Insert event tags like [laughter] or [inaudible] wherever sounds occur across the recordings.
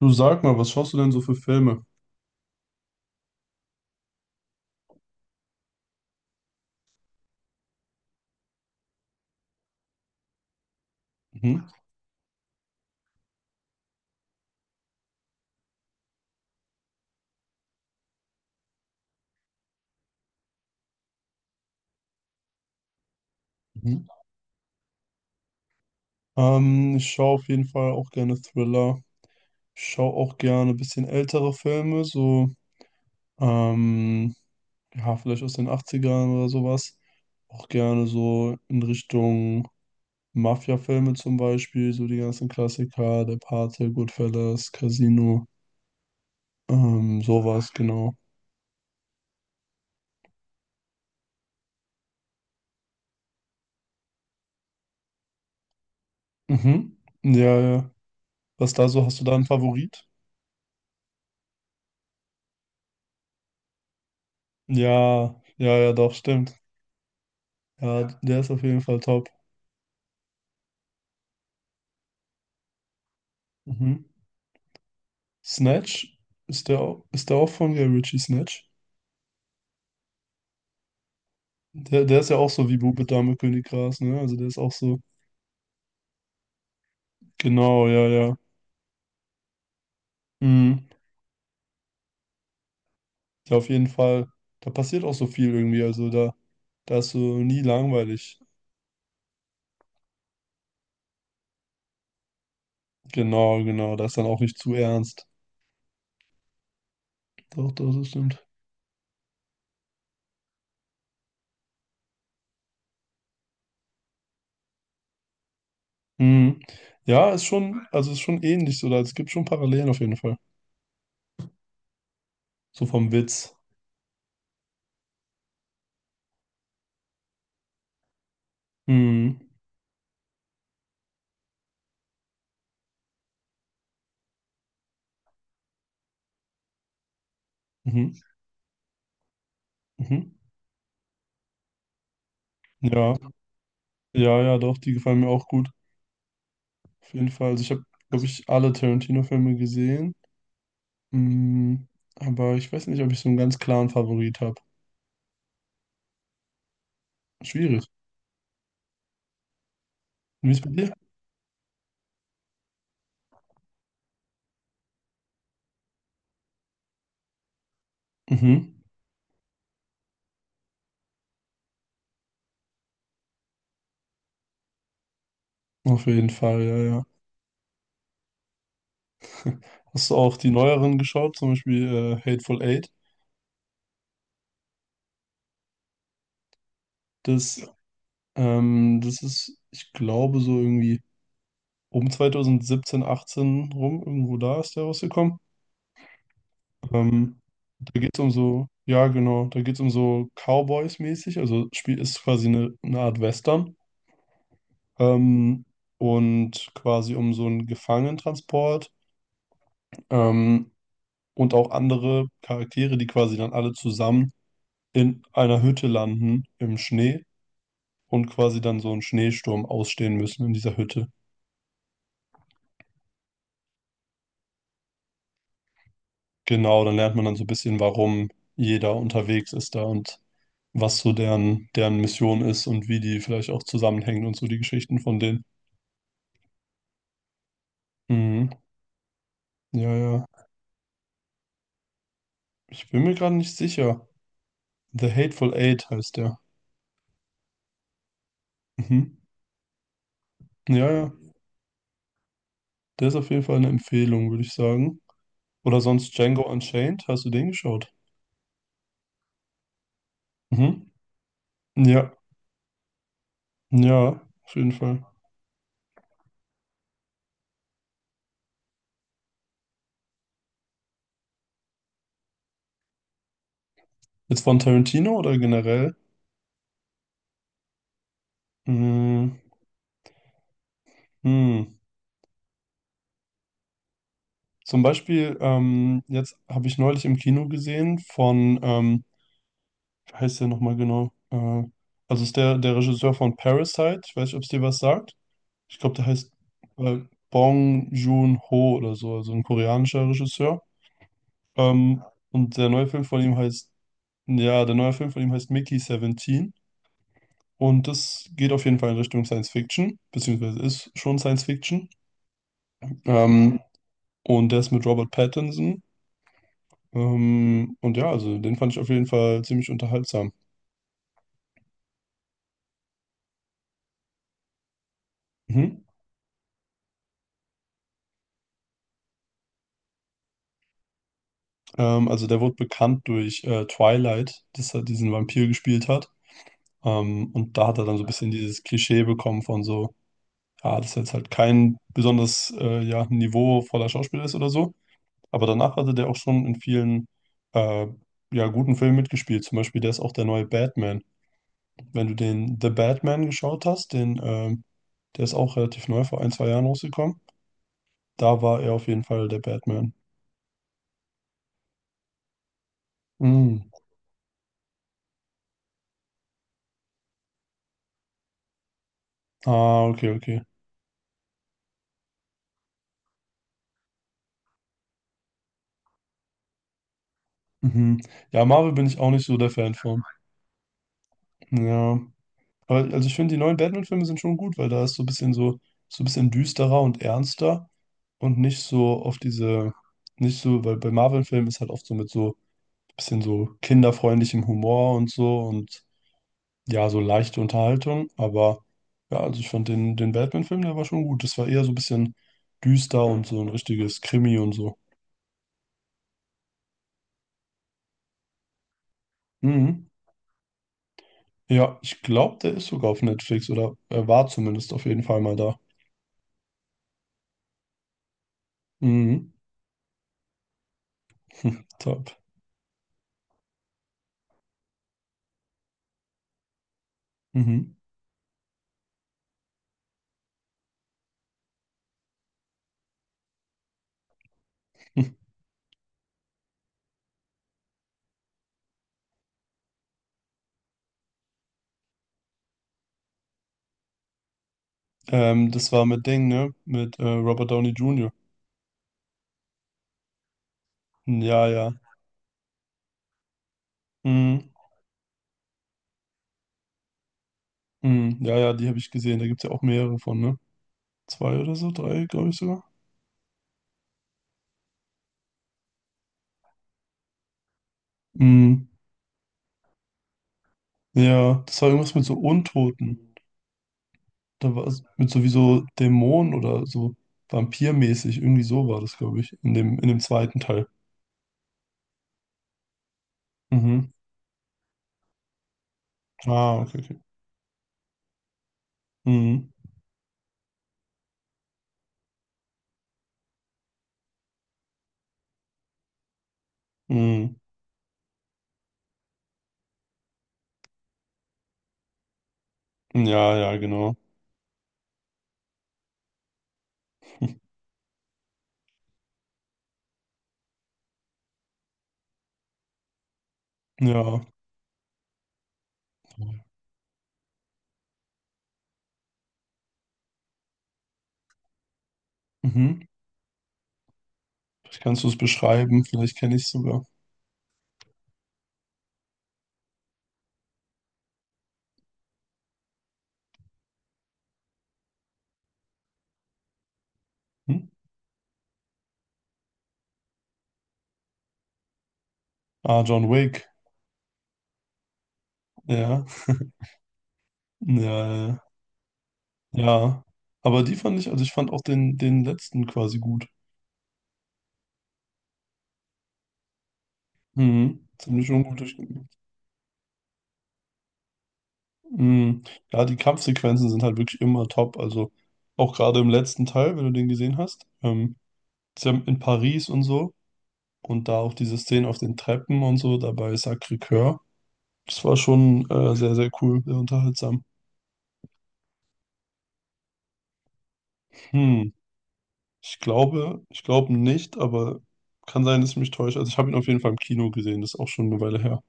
Du, sag mal, was schaust du denn so für Filme? Mhm. Mhm. Ich schaue auf jeden Fall auch gerne Thriller. Ich schaue auch gerne ein bisschen ältere Filme, so, ähm, ja, vielleicht aus den Achtzigern oder sowas. Auch gerne so in Richtung Mafia-Filme zum Beispiel, so die ganzen Klassiker, Der Pate, Goodfellas, Casino, sowas, genau. Mhm. Ja, ja. Was da so, hast du da einen Favorit? Ja, ja, ja, doch, stimmt. Ja, der ist auf jeden Fall top. Mhm. Snatch. Ist der, ist der auch von Guy Ritchie, Snatch? Der ist ja auch so wie Bube, Dame, König, Gras, ne? Also der ist auch so. Genau, ja, ja. Mhm. Ja, auf jeden Fall. Da passiert auch so viel irgendwie. Also da ist so nie langweilig. Genau, genau. Da ist dann auch nicht zu ernst. Doch, doch, das stimmt. Mhm. Ja, ist schon, also ist schon ähnlich so. Da, es gibt schon Parallelen auf jeden Fall. So vom Witz. Mhm. Mhm. Mhm. Ja, ja, ja, doch, die gefallen mir auch gut. Auf jeden Fall. Also ich habe, glaube ich, alle Tarantino-Filme gesehen. Mm, aber ich weiß nicht, ob ich so einen ganz klaren Favorit habe. Schwierig. Und wie ist bei dir? Mhm. Auf jeden Fall, ja, ja. Hast du auch die neueren geschaut, zum Beispiel Hateful Eight? Das, das ist, ich glaube, so irgendwie um 2017, 18 rum, irgendwo da ist der rausgekommen. Ähm, Da geht es um so, ja, genau, da geht es um so Cowboys-mäßig, also Spiel ist quasi eine Art Western. ähm, und quasi um so einen Gefangenentransport ähm, und auch andere Charaktere, die quasi dann alle zusammen in einer Hütte landen im Schnee und quasi dann so einen Schneesturm ausstehen müssen in dieser Hütte. Genau, dann lernt man dann so ein bisschen, warum jeder unterwegs ist da und was so deren Mission ist und wie die vielleicht auch zusammenhängen und so die Geschichten von denen. Mhm. Ja, ja. Ich bin mir gerade nicht sicher. The Hateful Eight heißt der. Mhm. Ja, ja. Der ist auf jeden Fall eine Empfehlung, würde ich sagen. Oder sonst Django Unchained, hast du den geschaut? Mhm. Ja, ja, auf jeden Fall. Jetzt von Tarantino oder generell? Hm, hm. Zum Beispiel, jetzt habe ich neulich im Kino gesehen von, wie heißt der nochmal genau? Also ist der Regisseur von Parasite, ich weiß nicht, ob es dir was sagt. Ich glaube, der heißt äh, Bong Joon-ho oder so, also ein koreanischer Regisseur. Ähm, und der neue Film von ihm heißt, ja, der neue Film von ihm heißt Mickey 17, und das geht auf jeden Fall in Richtung Science Fiction, beziehungsweise ist schon Science Fiction. Ähm, und der ist mit Robert Pattinson. Und ja, also den fand ich auf jeden Fall ziemlich unterhaltsam. Mhm. Also der wurde bekannt durch Twilight, dass er diesen Vampir gespielt hat. Und da hat er dann so ein bisschen dieses Klischee bekommen von so, ja, dass er jetzt halt kein besonders ja, niveauvoller Schauspieler ist oder so. Aber danach hatte der auch schon in vielen äh, ja, guten Filmen mitgespielt. Zum Beispiel, der ist auch der neue Batman. Wenn du den The Batman geschaut hast, den, der ist auch relativ neu, vor ein, zwei Jahren rausgekommen. Da war er auf jeden Fall der Batman. Mm. Ah, okay, okay. Mhm. Ja, Marvel bin ich auch nicht so der Fan von. Ja. Aber also ich finde, die neuen Batman-Filme sind schon gut, weil da ist so ein bisschen so, so ein bisschen düsterer und ernster und nicht so auf diese, nicht so, weil bei Marvel-Filmen ist halt oft so mit so bisschen so kinderfreundlichem Humor und so, und ja, so leichte Unterhaltung. Aber ja, also ich fand den, Batman-Film, der war schon gut. Das war eher so ein bisschen düster und so ein richtiges Krimi und so. Mhm. Ja, ich glaube, der ist sogar auf Netflix oder er war zumindest auf jeden Fall mal da. Mhm. [laughs] Hm, top. Mhm. [laughs] Hm. Das war mit Ding, ne? Mit Robert Downey Jr. Ja, ja. Mhm. Mhm. Ja, ja, die habe ich gesehen. Da gibt es ja auch mehrere von, ne? Zwei oder so, drei, glaube ich sogar. Mm. Ja, das war irgendwas mit so Untoten. Da war es mit sowieso Dämonen oder so vampirmäßig. Irgendwie so war das, glaube ich, in dem zweiten Teil. Mhm. Ah, okay, okay. Mhm. Mhm. Ja, ja, genau. Ja. Mhm. Vielleicht kannst du es beschreiben, vielleicht kenne ich es sogar. Hm? Ah, John Wick. Ja. Ja, ja. Ja. Ja. Aber die fand ich, also ich fand auch den, letzten quasi gut. Mhm. Ziemlich ungut. Mm, Ja, die Kampfsequenzen sind halt wirklich immer top. Also auch gerade im letzten Teil, wenn du den gesehen hast, ist ja in Paris und so und da auch diese Szenen auf den Treppen und so, dabei Sacré-Cœur. Das war schon sehr, sehr cool, sehr unterhaltsam. Hm, ich glaube nicht, aber kann sein, dass ich mich täusche. Also ich habe ihn auf jeden Fall im Kino gesehen, das ist auch schon eine Weile her.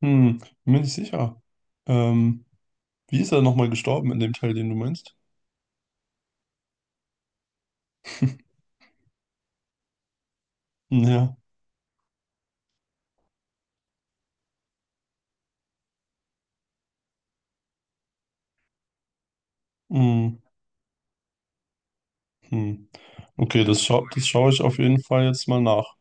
Bin mir nicht sicher. Ähm, Wie ist er nochmal gestorben in dem Teil, den du meinst? [laughs] Ja. Hm. Hm. Okay, das schaue ich auf jeden Fall jetzt mal nach.